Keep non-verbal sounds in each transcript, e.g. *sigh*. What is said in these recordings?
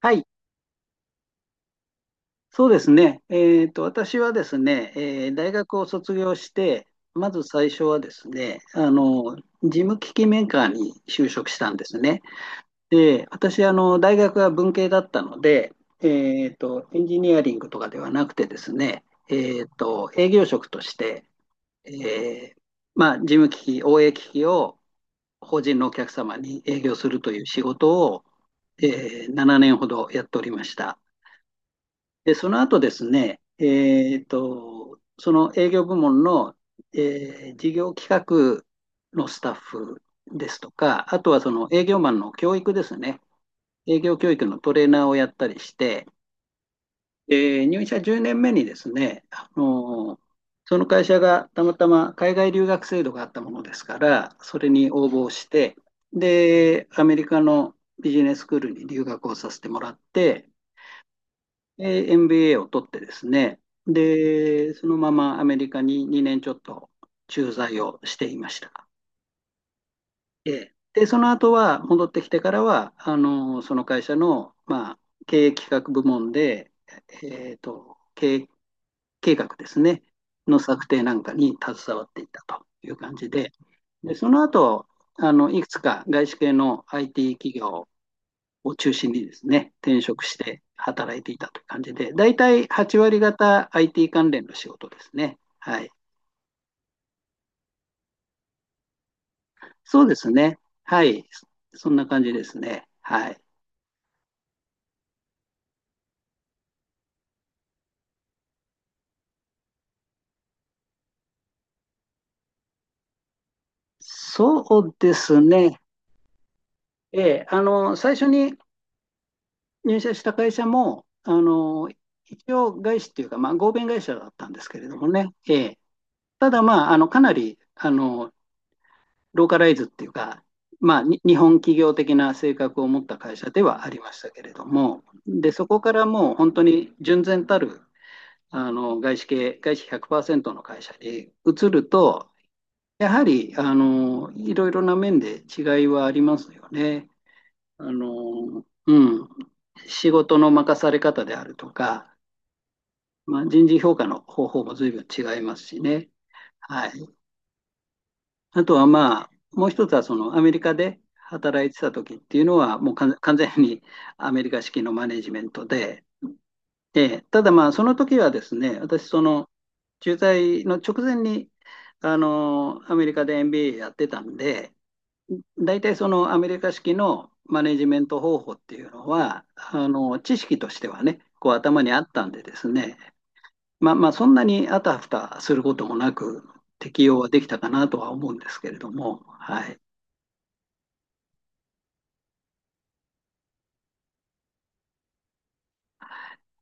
はい、そうですね。私はですね、大学を卒業して、まず最初はですね、事務機器メーカーに就職したんですね。で、私、大学は文系だったので、エンジニアリングとかではなくてですね、営業職として、えーまあ、事務機器、OA 機器を法人のお客様に営業するという仕事を、7年ほどやっておりました。で、その後ですね、その営業部門の、え事業企画のスタッフですとか、あとはその営業マンの教育ですね、営業教育のトレーナーをやったりして、入社10年目にですね、その会社がたまたま海外留学制度があったものですから、それに応募して、で、アメリカのビジネススクールに留学をさせてもらって、で MBA を取ってですね、で、そのままアメリカに2年ちょっと駐在をしていました。ええ、で、その後は、戻ってきてからは、その会社の、まあ、経営企画部門で、経営計画ですね、の策定なんかに携わっていたという感じで、で、その後、いくつか外資系の IT 企業を中心にですね、転職して働いていたという感じで、大体8割方 IT 関連の仕事ですね。はい。そうですね。はい。そんな感じですね。はい。そうですね。え最初に入社した会社も、一応外資っていうか、まあ、合弁会社だったんですけれどもね。ただ、まあ、かなり、ローカライズっていうか、まあ、日本企業的な性格を持った会社ではありましたけれども、で、そこからもう本当に純然たる外資系、外資100%の会社に移ると、やはりいろいろな面で違いはありますよね。あのうん、仕事の任され方であるとか、まあ、人事評価の方法も随分違いますしね。はい、あとはまあ、もう一つはそのアメリカで働いてた時っていうのは、もう完全にアメリカ式のマネジメントで、で、ただまあ、その時はですね、私、その駐在の直前に、アメリカで MBA やってたんで、大体そのアメリカ式のマネジメント方法っていうのは、知識としてはね、こう頭にあったんでですね、まあまあ、そんなにあたふたすることもなく、適用はできたかなとは思うんですけれども、はい。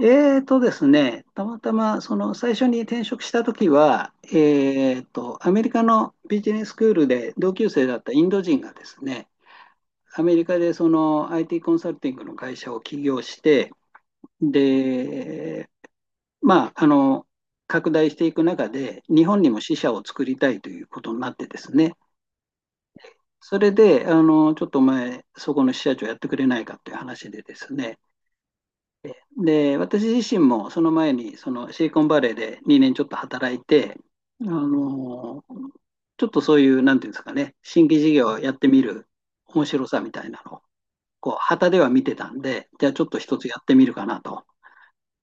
えーとですね、たまたまその最初に転職した時は、アメリカのビジネススクールで同級生だったインド人がですね、アメリカでその IT コンサルティングの会社を起業して、で、まあ、拡大していく中で、日本にも支社を作りたいということになってですね、それで、ちょっとお前、そこの支社長やってくれないかという話でですね、で、私自身もその前にそのシリコンバレーで2年ちょっと働いて、あのーちょっとそういう、なんていうんですかね、新規事業をやってみる面白さみたいなのを、こう、旗では見てたんで、じゃあちょっと一つやってみるかなと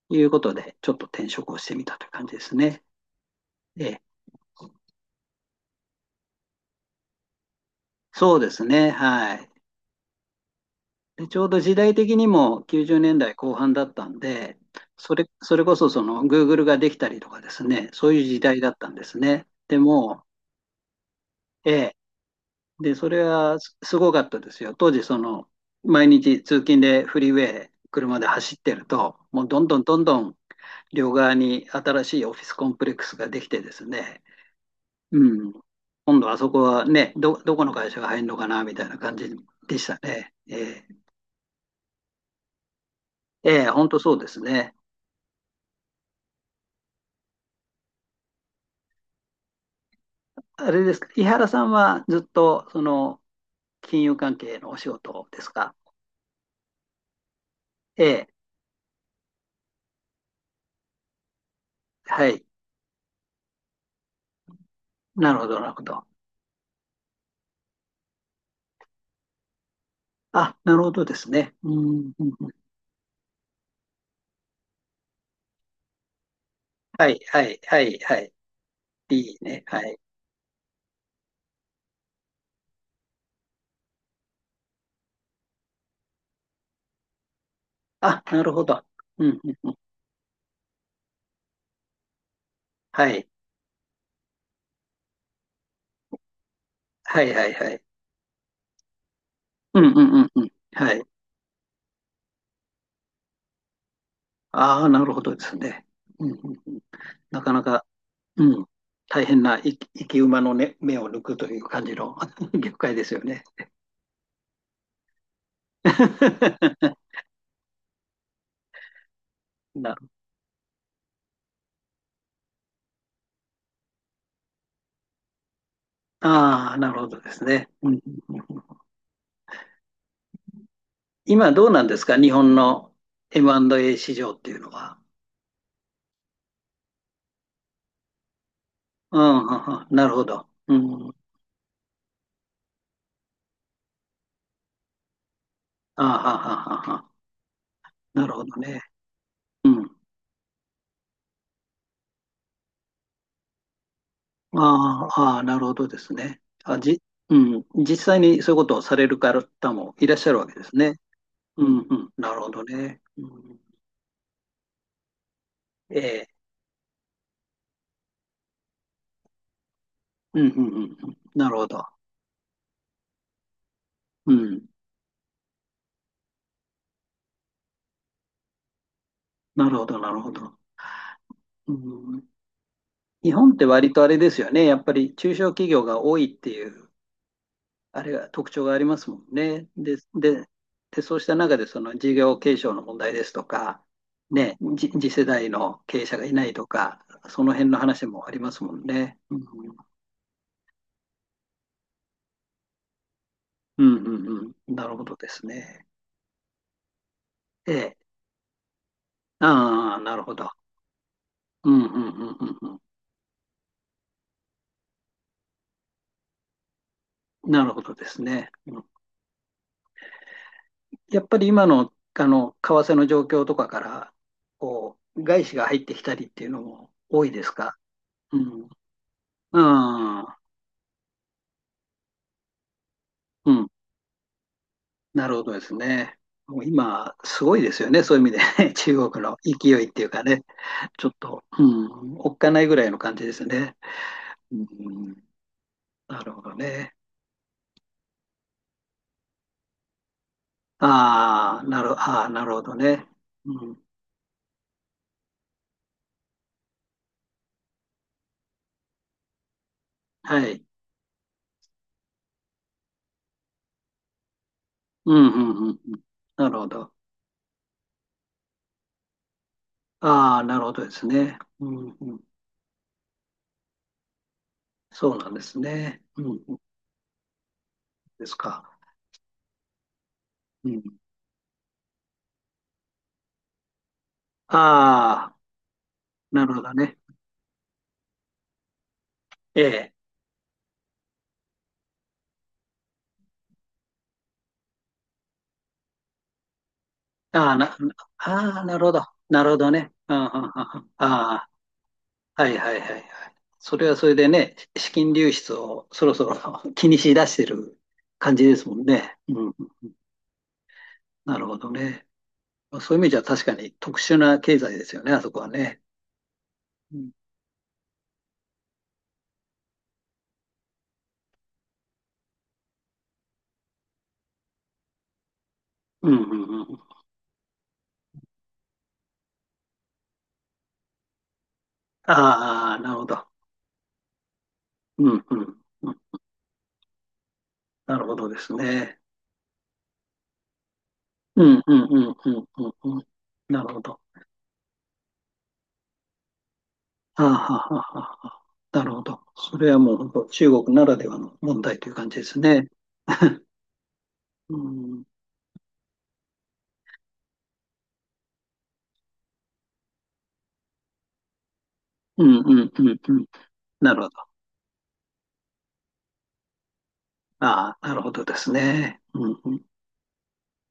いうことで、ちょっと転職をしてみたという感じですね。ええ、そうですね、はい。で、ちょうど時代的にも90年代後半だったんで、それこそその Google ができたりとかですね、そういう時代だったんですね。でも、ええ、で、それはすごかったですよ。当時、その、毎日通勤でフリーウェイ、車で走ってると、もうどんどんどんどん両側に新しいオフィスコンプレックスができてですね、うん、今度あそこはね、どこの会社が入るのかなみたいな感じでしたね。ええ、ええ、本当そうですね。あれですか、井原さんはずっとその金融関係のお仕事ですか。ええ、はい、なるほど、なるほど。あ、なるほどですね。うん、うんうん、はい、はい、はい、はい。いいね、はい。あ、なるほど。うん、うん、はい、はい、はい、はい。うん、うん、うん、うん。はい。ああ、なるほどですね。うん、うん、うん。なかなか、うん、大変な生き馬の、ね、目を抜くという感じの *laughs* 業界ですよね。*laughs* なああ、なるほどですね。うん、今どうなんですか日本の M&A 市場っていうのは。うん、ははなるほど。うん。ああ、はははは。なるほどね。うん。ああ、ああ、なるほどですね。あ、うん。実際にそういうことをされる方もいらっしゃるわけですね。うん、うん。なるほどね。うん、ええ。うん、うん、うん。うん、なるほど。うん。なるほど、なるほど。うん。日本って割とあれですよね。やっぱり中小企業が多いっていうあれが特徴がありますもんね。で、そうした中でその事業継承の問題ですとか、ね、次世代の経営者がいないとか、その辺の話もありますもんね。うん、うん、うん、うんうん、なるほどですね。ええ、ああ、なるほど。うん、うん、うん、うんうん、なるほどですね。うん、やっぱり今の、為替の状況とかから、こう、外資が入ってきたりっていうのも多いですか。うん、ああ、うん。なるほどですね。もう今、すごいですよね。そういう意味で *laughs* 中国の勢いっていうかね、ちょっと、うん、おっかないぐらいの感じですね。うん、なるほどね。ああ、ああ、なるほどね。うん、はい。うん、うん、うん。うん、なるほど。ああ、なるほどですね。うん、うん。そうなんですね。うん、うんですか。うん。ああ、なるほどね。ええ。ああ、ああ、なるほど。なるほどね。ああ、ああ、ああ、はいはいはいはい。それはそれでね、資金流出をそろそろ *laughs* 気にしだしてる感じですもんね。うんうんうん、なるほどね。そういう意味じゃ確かに特殊な経済ですよね、あそこはね。うん、うんうんうん。ああ、なるほど。うんうんうん。なるほどですね。うんうんうんうんうんうん。なるほど。ああ、はあはあはあはあ、なるほど。それはもう本当中国ならではの問題という感じですね。*laughs* うん、うんうんうんうん。なるほど。ああ、なるほどですね。うんうん、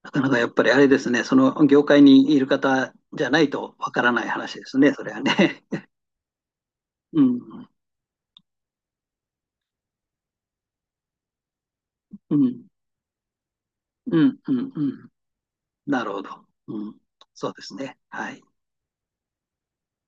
なかなかやっぱりあれですね、その業界にいる方じゃないとわからない話ですね、それはね。*laughs* うん、うん、うん、うん、うん。なるほど。うん、そうですね。はい。